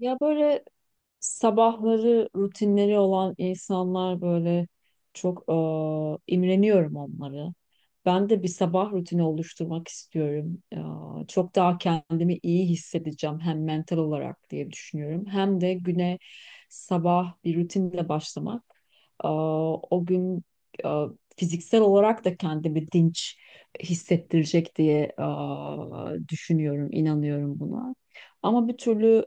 Ya böyle sabahları rutinleri olan insanlar böyle çok imreniyorum onları. Ben de bir sabah rutini oluşturmak istiyorum. Çok daha kendimi iyi hissedeceğim hem mental olarak diye düşünüyorum. Hem de güne sabah bir rutinle başlamak. eee, O gün eee, fiziksel olarak da kendimi dinç hissettirecek diye düşünüyorum, inanıyorum buna. Ama bir türlü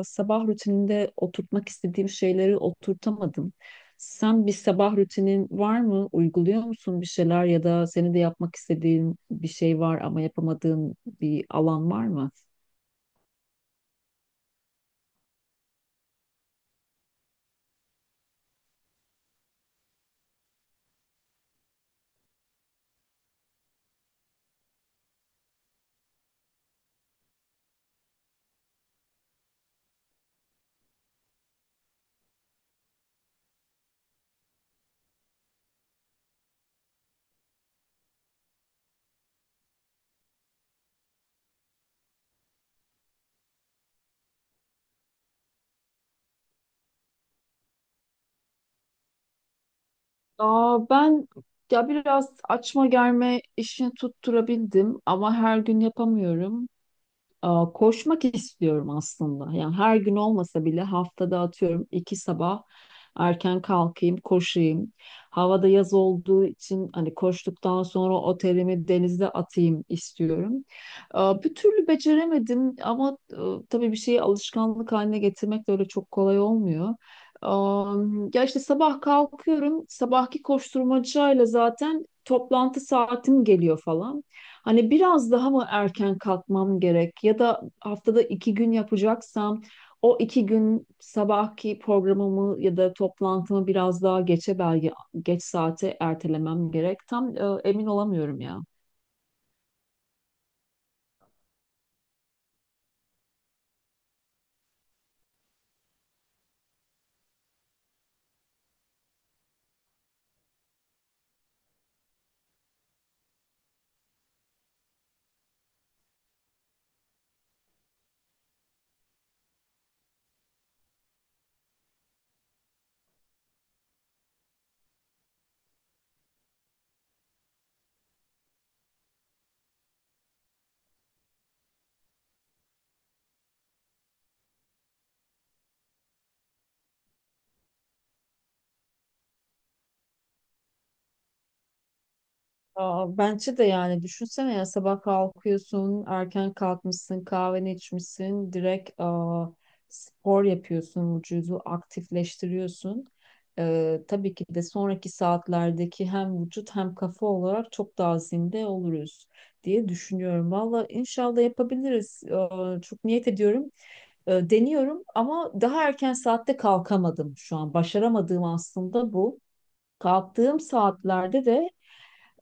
sabah rutininde oturtmak istediğim şeyleri oturtamadım. Sen bir sabah rutinin var mı? Uyguluyor musun bir şeyler ya da seni de yapmak istediğin bir şey var ama yapamadığın bir alan var mı? Ben ya biraz açma germe işini tutturabildim ama her gün yapamıyorum. Koşmak istiyorum aslında. Yani her gün olmasa bile haftada atıyorum iki sabah erken kalkayım, koşayım. Havada yaz olduğu için hani koştuktan sonra otelimi denize atayım istiyorum. Bir türlü beceremedim ama tabii bir şeyi alışkanlık haline getirmek de öyle çok kolay olmuyor. Aa, Ya işte sabah kalkıyorum, sabahki koşturmacayla zaten toplantı saatim geliyor falan. Hani biraz daha mı erken kalkmam gerek ya da haftada iki gün yapacaksam o iki gün sabahki programımı ya da toplantımı biraz daha geçe belki geç saate ertelemem gerek. Tam emin olamıyorum ya. Bence de yani düşünsene ya sabah kalkıyorsun, erken kalkmışsın, kahveni içmişsin, direkt spor yapıyorsun, vücudu aktifleştiriyorsun. Tabii ki de sonraki saatlerdeki hem vücut hem kafa olarak çok daha zinde oluruz diye düşünüyorum. Valla inşallah yapabiliriz. Çok niyet ediyorum. Deniyorum ama daha erken saatte kalkamadım şu an. Başaramadığım aslında bu. Kalktığım saatlerde de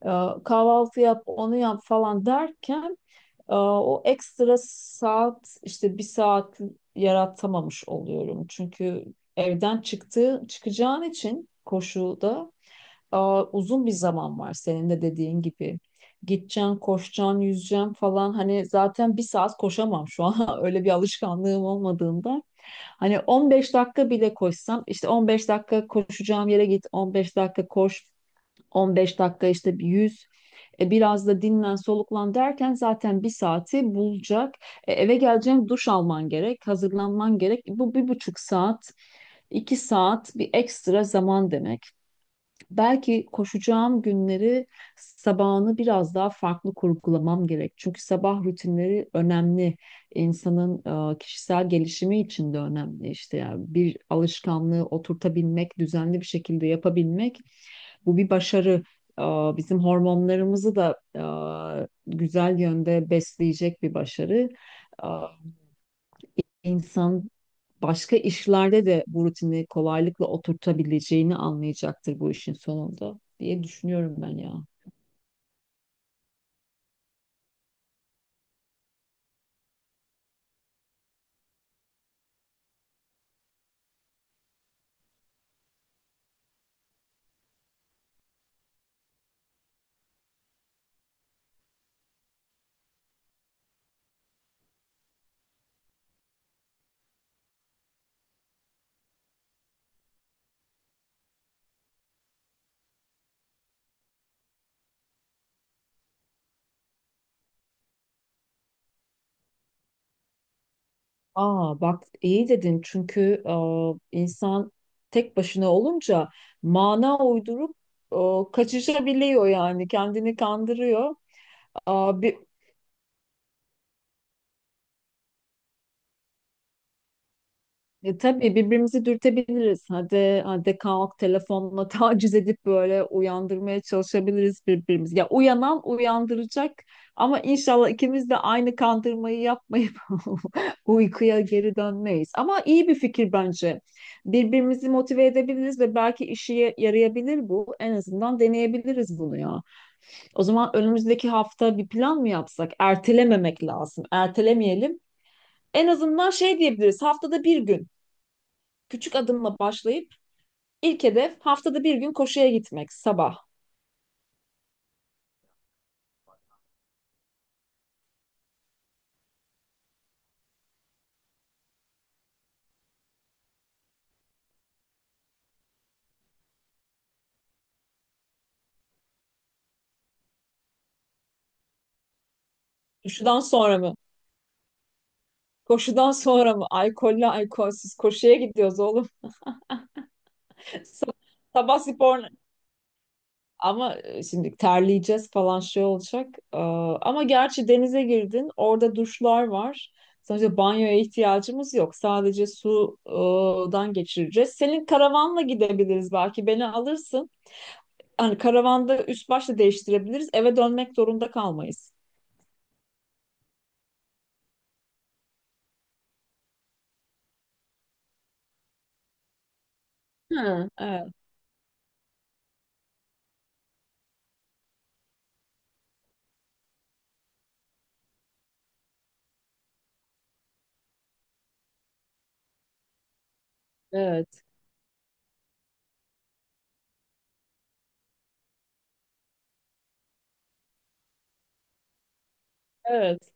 e, kahvaltı yap, onu yap falan derken o ekstra saat işte bir saat yaratamamış oluyorum. Çünkü evden çıkacağın için koşuda e, uzun bir zaman var senin de dediğin gibi. Gideceksin, koşacaksın, yüzeceksin falan. Hani zaten bir saat koşamam şu an. Öyle bir alışkanlığım olmadığında. Hani 15 dakika bile koşsam işte 15 dakika koşacağım yere git 15 dakika koş 15 dakika işte bir 100 biraz da dinlen soluklan derken zaten bir saati bulacak. Eve geleceğim duş alman gerek, hazırlanman gerek. Bu bir buçuk saat, iki saat bir ekstra zaman demek belki koşacağım günleri sabahını biraz daha farklı kurgulamam gerek. Çünkü sabah rutinleri önemli. İnsanın kişisel gelişimi için de önemli. İşte yani bir alışkanlığı oturtabilmek, düzenli bir şekilde yapabilmek bu bir başarı. E, Bizim hormonlarımızı da güzel yönde besleyecek bir başarı. E, İnsan başka işlerde de bu rutini kolaylıkla oturtabileceğini anlayacaktır bu işin sonunda diye düşünüyorum ben ya. Aa bak iyi dedin çünkü insan tek başına olunca mana uydurup kaçışabiliyor yani kendini kandırıyor. Aa, bir Tabii birbirimizi dürtebiliriz. Hadi, hadi kalk telefonla taciz edip böyle uyandırmaya çalışabiliriz birbirimizi. Ya uyanan uyandıracak ama inşallah ikimiz de aynı kandırmayı yapmayıp uykuya geri dönmeyiz. Ama iyi bir fikir bence. Birbirimizi motive edebiliriz ve belki işe yarayabilir bu. En azından deneyebiliriz bunu ya. O zaman önümüzdeki hafta bir plan mı yapsak? Ertelememek lazım. Ertelemeyelim. En azından şey diyebiliriz. Haftada bir gün. Küçük adımla başlayıp ilk hedef haftada bir gün koşuya gitmek sabah. Koşudan sonra mı? Koşudan sonra mı? Alkollü alkolsüz koşuya gidiyoruz oğlum. Sabah spor. Ama şimdi terleyeceğiz falan şey olacak. Ee, Ama gerçi denize girdin, orada duşlar var. Sonuçta banyoya ihtiyacımız yok. Sadece sudan geçireceğiz. Senin karavanla gidebiliriz belki. Beni alırsın. Hani karavanda üst başta değiştirebiliriz. Eve dönmek zorunda kalmayız. Ha, evet, evet, evet.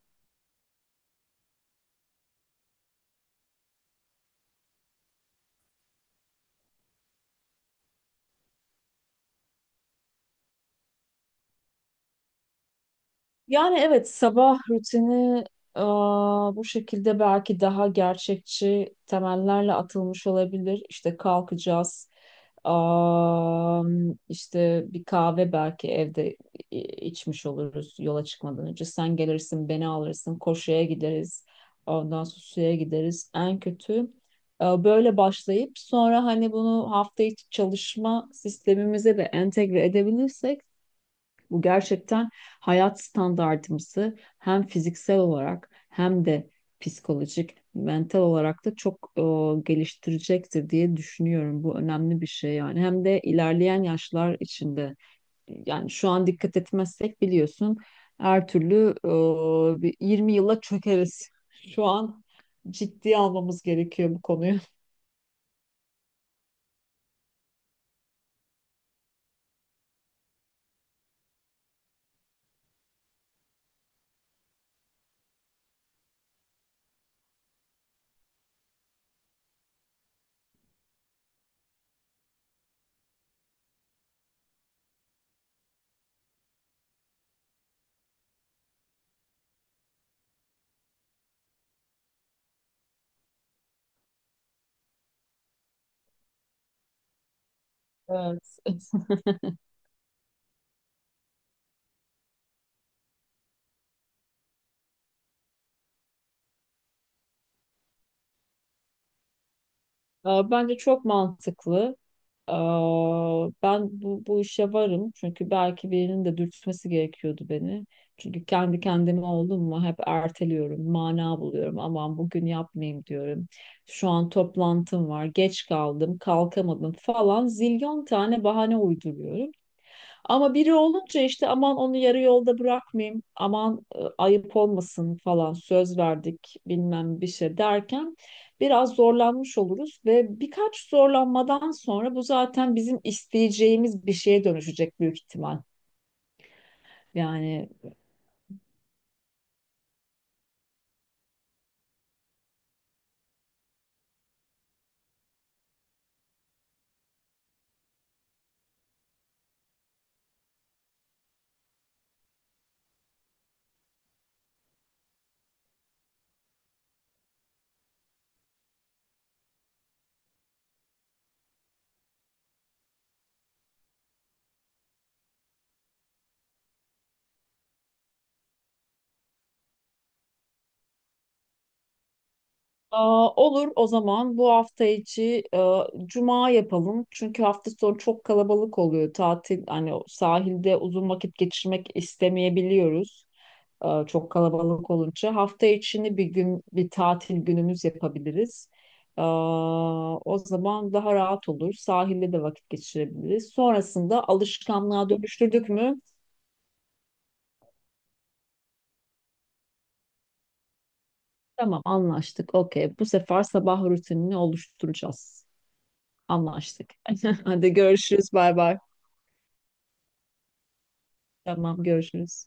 Yani evet sabah rutini bu şekilde belki daha gerçekçi temellerle atılmış olabilir. İşte kalkacağız, aa, işte bir kahve belki evde i- içmiş oluruz yola çıkmadan önce. Sen gelirsin, beni alırsın, koşuya gideriz, ondan sonra suya gideriz. En kötü böyle başlayıp sonra hani bunu hafta içi çalışma sistemimize de entegre edebilirsek bu gerçekten hayat standartımızı hem fiziksel olarak hem de psikolojik, mental olarak da çok geliştirecektir diye düşünüyorum. Bu önemli bir şey yani. Hem de ilerleyen yaşlar içinde yani şu an dikkat etmezsek biliyorsun her türlü bir 20 yıla çökeriz. Şu an ciddiye almamız gerekiyor bu konuyu. Evet. Bence çok mantıklı. Ben bu işe varım çünkü belki birinin de dürtmesi gerekiyordu beni. Çünkü kendi kendime oldum mu hep erteliyorum, mana buluyorum. Aman bugün yapmayayım diyorum. Şu an toplantım var, geç kaldım, kalkamadım falan zilyon tane bahane uyduruyorum. Ama biri olunca işte aman onu yarı yolda bırakmayayım, aman ayıp olmasın falan söz verdik bilmem bir şey derken biraz zorlanmış oluruz ve birkaç zorlanmadan sonra bu zaten bizim isteyeceğimiz bir şeye dönüşecek büyük ihtimal. Yani "Aa, olur o zaman bu hafta içi cuma yapalım. Çünkü hafta sonu çok kalabalık oluyor. Tatil hani o sahilde uzun vakit geçirmek istemeyebiliyoruz. Çok kalabalık olunca. Hafta içini bir gün bir tatil günümüz yapabiliriz. E, O zaman daha rahat olur. Sahilde de vakit geçirebiliriz. Sonrasında alışkanlığa dönüştürdük mü? Tamam anlaştık. Okey. Bu sefer sabah rutinini oluşturacağız. Anlaştık. Hadi görüşürüz. Bay bay. Tamam görüşürüz.